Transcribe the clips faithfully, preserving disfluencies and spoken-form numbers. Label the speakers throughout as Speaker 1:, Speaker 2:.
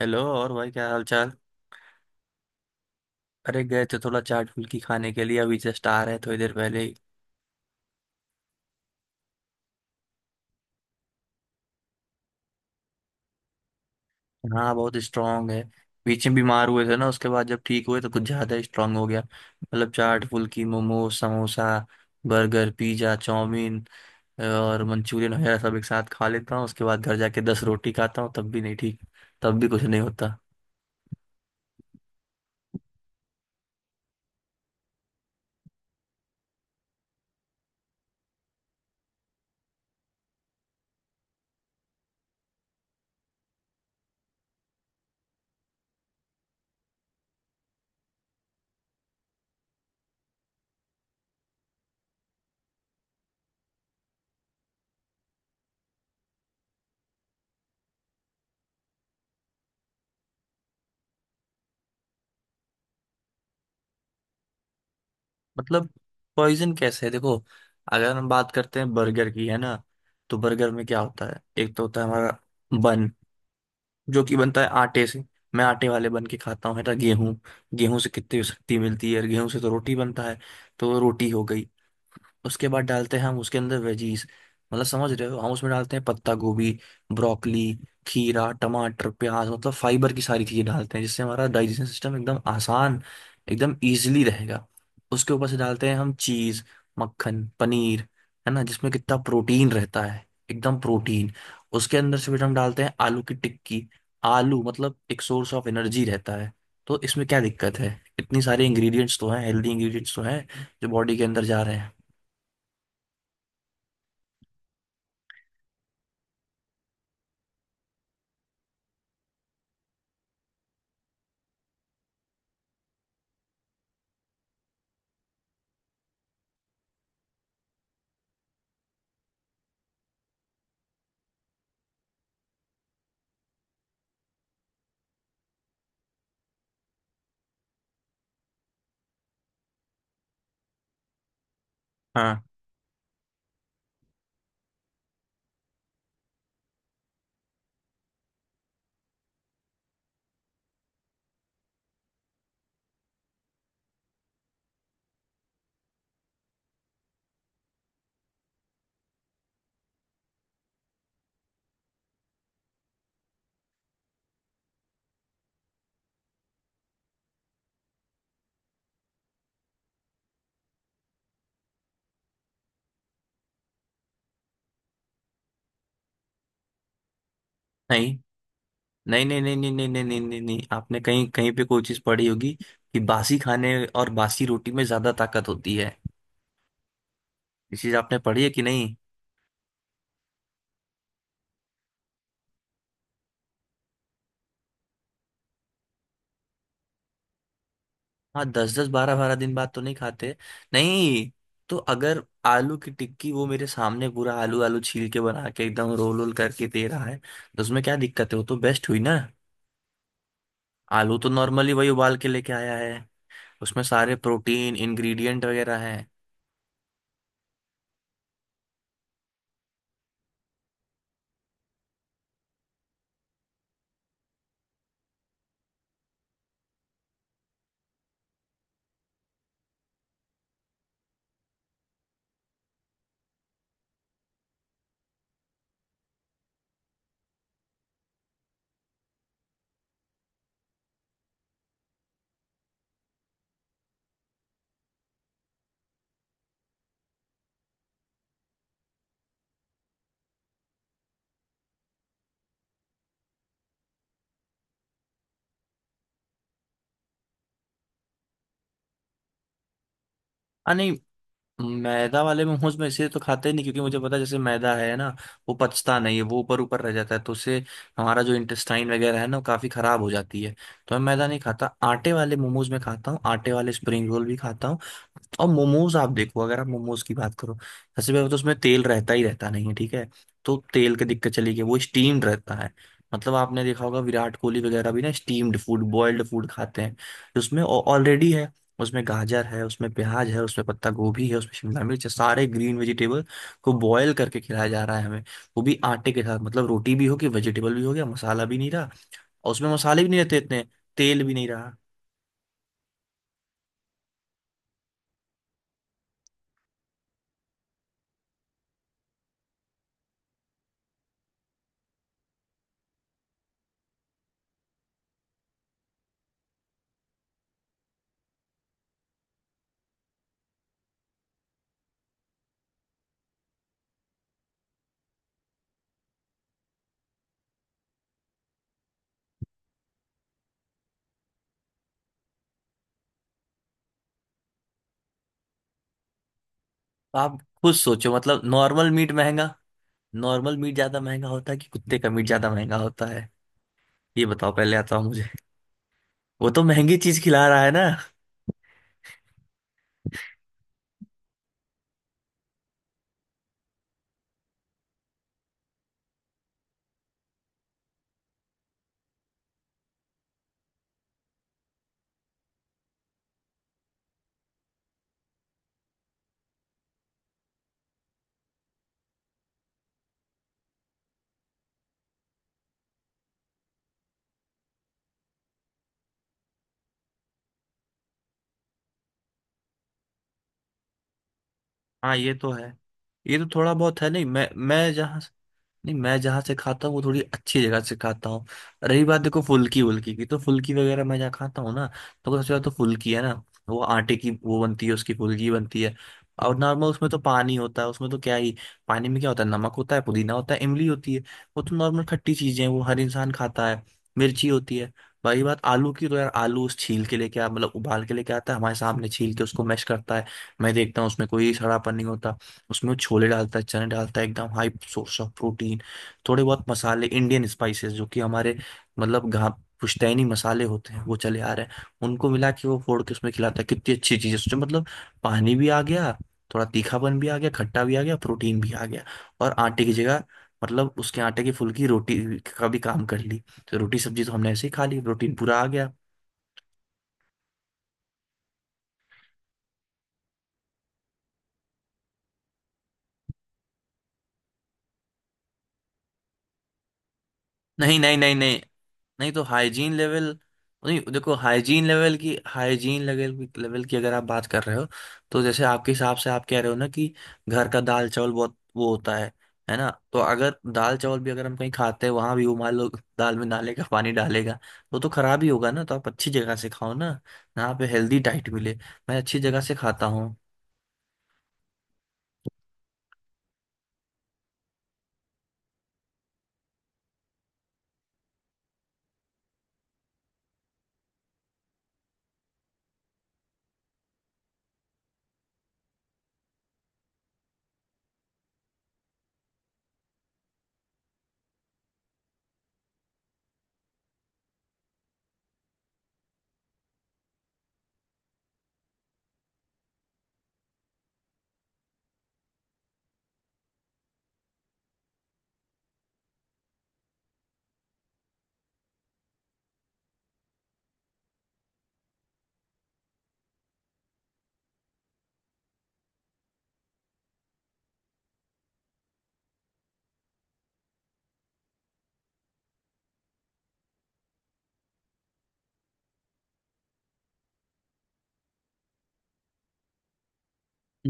Speaker 1: Hello, और भाई क्या हाल चाल। अरे, गए थे थोड़ा चाट फुल्की खाने के लिए, अभी जस्ट आ रहे थोड़ी देर पहले ही। हाँ, बहुत स्ट्रांग है। बीच में बीमार हुए थे ना, उसके बाद जब ठीक हुए तो कुछ ज्यादा स्ट्रांग हो गया। मतलब चाट फुल्की मोमोज समोसा बर्गर पिज्जा चाउमीन और मंचूरियन वगैरह सब एक साथ खा लेता हूँ, उसके बाद घर जाके दस रोटी खाता हूँ तब भी नहीं ठीक। तब भी कुछ नहीं होता। मतलब पॉइजन कैसे है, देखो? अगर हम बात करते हैं बर्गर की, है ना, तो बर्गर में क्या होता है? एक तो होता है हमारा बन, जो कि बनता है आटे से। मैं आटे वाले बन के खाता हूँ, है ना। गेहूँ, गेहूँ से कितनी शक्ति मिलती है, और गेहूँ से तो रोटी बनता है। तो रोटी हो गई। उसके बाद डालते हैं हम उसके अंदर वेजीज, मतलब समझ रहे हो, हम उसमें डालते हैं पत्ता गोभी, ब्रोकली, खीरा, टमाटर, प्याज, मतलब फाइबर की सारी चीजें डालते हैं, जिससे हमारा डाइजेशन सिस्टम एकदम आसान, एकदम इजीली रहेगा। उसके ऊपर से डालते हैं हम चीज, मक्खन, पनीर, है ना, जिसमें कितना प्रोटीन रहता है, एकदम प्रोटीन। उसके अंदर से फिर हम डालते हैं आलू की टिक्की। आलू मतलब एक सोर्स ऑफ एनर्जी रहता है। तो इसमें क्या दिक्कत है? इतनी सारे इंग्रेडिएंट्स तो हैं, हेल्दी इंग्रेडिएंट्स तो हैं, जो बॉडी के अंदर जा रहे हैं। हाँ। नहीं नहीं नहीं नहीं नहीं नहीं नहीं नहीं नहीं नहीं, आपने कहीं कहीं पे कोई चीज पढ़ी होगी कि बासी खाने और बासी रोटी में ज्यादा ताकत होती है। ये चीज आपने पढ़ी है कि नहीं? हाँ, दस दस बारह बारह दिन बाद तो नहीं खाते। नहीं। तो अगर आलू की टिक्की, वो मेरे सामने पूरा आलू आलू छील के बना के एकदम रोल रोल करके दे रहा है, तो उसमें क्या दिक्कत है? वो तो बेस्ट हुई ना। आलू तो नॉर्मली वही उबाल के लेके आया है, उसमें सारे प्रोटीन इंग्रेडिएंट वगैरह है। हाँ, नहीं। मैदा वाले मोमोज में इसे तो खाते ही नहीं, क्योंकि मुझे पता है, जैसे मैदा है ना, वो पचता नहीं है, वो ऊपर ऊपर रह जाता है, तो उससे हमारा जो इंटेस्टाइन वगैरह है ना, वो काफी खराब हो जाती है। तो मैं मैदा नहीं खाता, आटे वाले मोमोज में खाता हूँ, आटे वाले स्प्रिंग रोल भी खाता हूँ। और मोमोज, आप देखो, अगर आप मोमोज की बात करो, सबसे पहले तो उसमें तेल रहता ही रहता नहीं है, ठीक है। तो तेल की दिक्कत चली गई, वो स्टीम्ड रहता है। मतलब आपने देखा होगा, विराट कोहली वगैरह भी ना स्टीम्ड फूड, बॉइल्ड फूड खाते हैं। उसमें ऑलरेडी है, उसमें गाजर है, उसमें प्याज है, उसमें पत्ता गोभी है, उसमें शिमला मिर्च है, सारे ग्रीन वेजिटेबल को बॉयल करके खिलाया जा रहा है हमें, वो भी आटे के साथ। मतलब रोटी भी होगी, वेजिटेबल भी हो गया, मसाला भी नहीं रहा। और उसमें मसाले भी नहीं रहते इतने, तेल भी नहीं रहा। तो आप खुद सोचो, मतलब नॉर्मल मीट महंगा, नॉर्मल मीट ज्यादा महंगा होता है कि कुत्ते का मीट ज्यादा महंगा होता है, ये बताओ पहले आता हूँ मुझे। वो तो महंगी चीज खिला रहा है ना। हाँ, ये तो है, ये तो थोड़ा बहुत है। नहीं, मैं मैं जहाँ, नहीं, मैं जहाँ से खाता हूँ वो थोड़ी अच्छी जगह से खाता हूँ। रही बात, देखो, फुल्की वुल्की की, तो फुल्की वगैरह मैं जहाँ खाता हूँ ना, तो अगर सबसे ज्यादा तो फुल्की है ना, वो आटे की वो बनती है, उसकी फुल्की बनती है। और नॉर्मल उसमें तो पानी होता है, उसमें तो क्या ही। पानी में क्या होता है? नमक होता है, पुदीना होता है, इमली होती है, वो तो नॉर्मल खट्टी चीजें हैं, वो हर इंसान खाता है। मिर्ची होती है। बाकी बात आलू की, तो यार आलू उस छील के लेके आ, मतलब उबाल के लेके आता है हमारे सामने, छील के उसको मैश करता है। मैं देखता हूँ उसमें कोई सड़ापन नहीं होता। उसमें वो छोले डालता है, चने डालता है, एकदम हाई सोर्स ऑफ प्रोटीन, थोड़े बहुत मसाले, इंडियन स्पाइसेस, जो कि हमारे, मतलब घा पुश्तैनी मसाले होते हैं, वो चले आ रहे हैं, उनको मिला के वो फोड़ के उसमें खिलाता है। कितनी अच्छी चीज़ है उसमें। मतलब पानी भी आ गया, थोड़ा तीखापन भी आ गया, खट्टा भी आ गया, प्रोटीन भी आ गया, और आटे की जगह, मतलब उसके आटे की फुल्की रोटी का भी काम कर ली। तो रोटी सब्जी तो हमने ऐसे ही खा ली, प्रोटीन पूरा आ गया। नहीं नहीं नहीं नहीं नहीं, तो हाइजीन लेवल, नहीं देखो, हाइजीन लेवल की हाइजीन लेवल की लेवल की अगर आप बात कर रहे हो, तो जैसे आपके हिसाब से आप कह रहे हो ना कि घर का दाल चावल बहुत वो होता है है ना। तो अगर दाल चावल भी अगर हम कहीं खाते हैं, वहां भी वो, मान लो दाल में नाले का पानी डालेगा, वो तो खराब ही होगा ना। तो आप अच्छी जगह से खाओ ना, यहाँ पे हेल्दी डाइट मिले। मैं अच्छी जगह से खाता हूँ।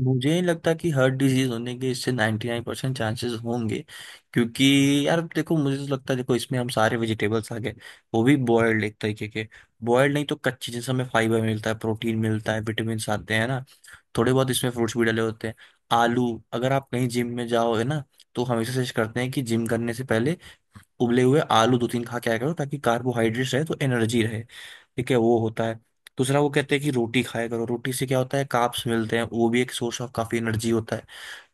Speaker 1: मुझे नहीं लगता कि हर डिजीज होने के इससे निन्यानवे परसेंट चांसेस होंगे। क्योंकि यार देखो, मुझे तो लगता है, देखो इसमें हम सारे वेजिटेबल्स आ गए, वो भी बॉयल्ड एक तरीके के, बॉयल्ड नहीं तो कच्चे, जैसे हमें फाइबर मिलता है, प्रोटीन मिलता है, विटामिन आते हैं ना। थोड़े बहुत इसमें फ्रूट्स भी डले होते हैं। आलू, अगर आप कहीं जिम में जाओ है ना, तो हमेशा सजेस्ट करते हैं कि जिम करने से पहले उबले हुए आलू दो तीन खा के आया करो, ताकि कार्बोहाइड्रेट्स रहे तो एनर्जी रहे, ठीक है, वो होता है। दूसरा वो कहते हैं कि रोटी खाया करो, रोटी से क्या होता है, कार्ब्स मिलते हैं, वो भी एक सोर्स ऑफ काफी एनर्जी होता है,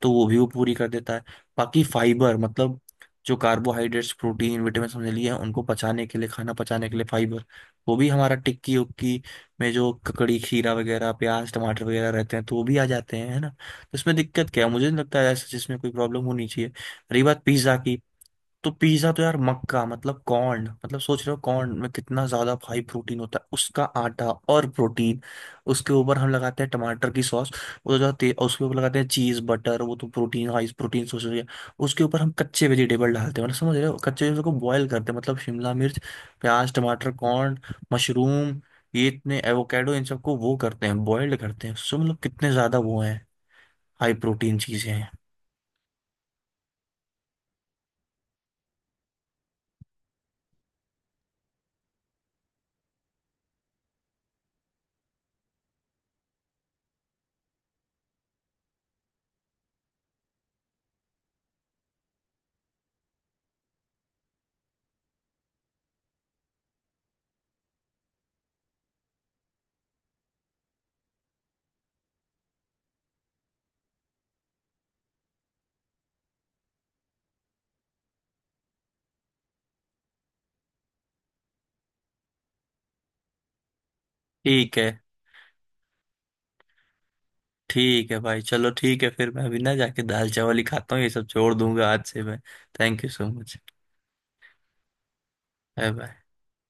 Speaker 1: तो वो भी वो पूरी कर देता है। बाकी फाइबर, मतलब जो कार्बोहाइड्रेट्स प्रोटीन विटामिन समझ लिए हैं, उनको पचाने के लिए, खाना पचाने के लिए फाइबर, वो भी हमारा टिक्की उक्की में जो ककड़ी खीरा वगैरह प्याज टमाटर वगैरह रहते हैं, तो वो भी आ जाते हैं, है ना। तो इसमें दिक्कत क्या है? मुझे नहीं लगता है ऐसा जिसमें कोई प्रॉब्लम होनी चाहिए। रही बात पिज्ज़ा की, तो पिज्जा तो यार मक्का, मतलब कॉर्न, मतलब सोच रहे हो कॉर्न में कितना ज्यादा हाई प्रोटीन होता है, उसका आटा और प्रोटीन। उसके ऊपर हम लगाते हैं टमाटर की सॉस, वो जाते हैं, उसके ऊपर लगाते हैं चीज बटर, वो तो प्रोटीन, हाई प्रोटीन, सोच रही है। उसके ऊपर हम कच्चे वेजिटेबल डालते हैं, मतलब समझ रहे हो कच्चे वेजिटेबल को बॉयल करते हैं, मतलब शिमला मिर्च, प्याज, टमाटर, कॉर्न, मशरूम, ये इतने एवोकेडो, इन सबको वो करते हैं बॉयल्ड करते हैं, सो मतलब कितने ज्यादा वो हैं, हाई प्रोटीन चीजें हैं। ठीक है। ठीक है भाई, चलो ठीक है, फिर मैं अभी ना जाके दाल चावल ही खाता हूँ, ये सब छोड़ दूंगा आज से मैं। Thank you so much. Bye bye.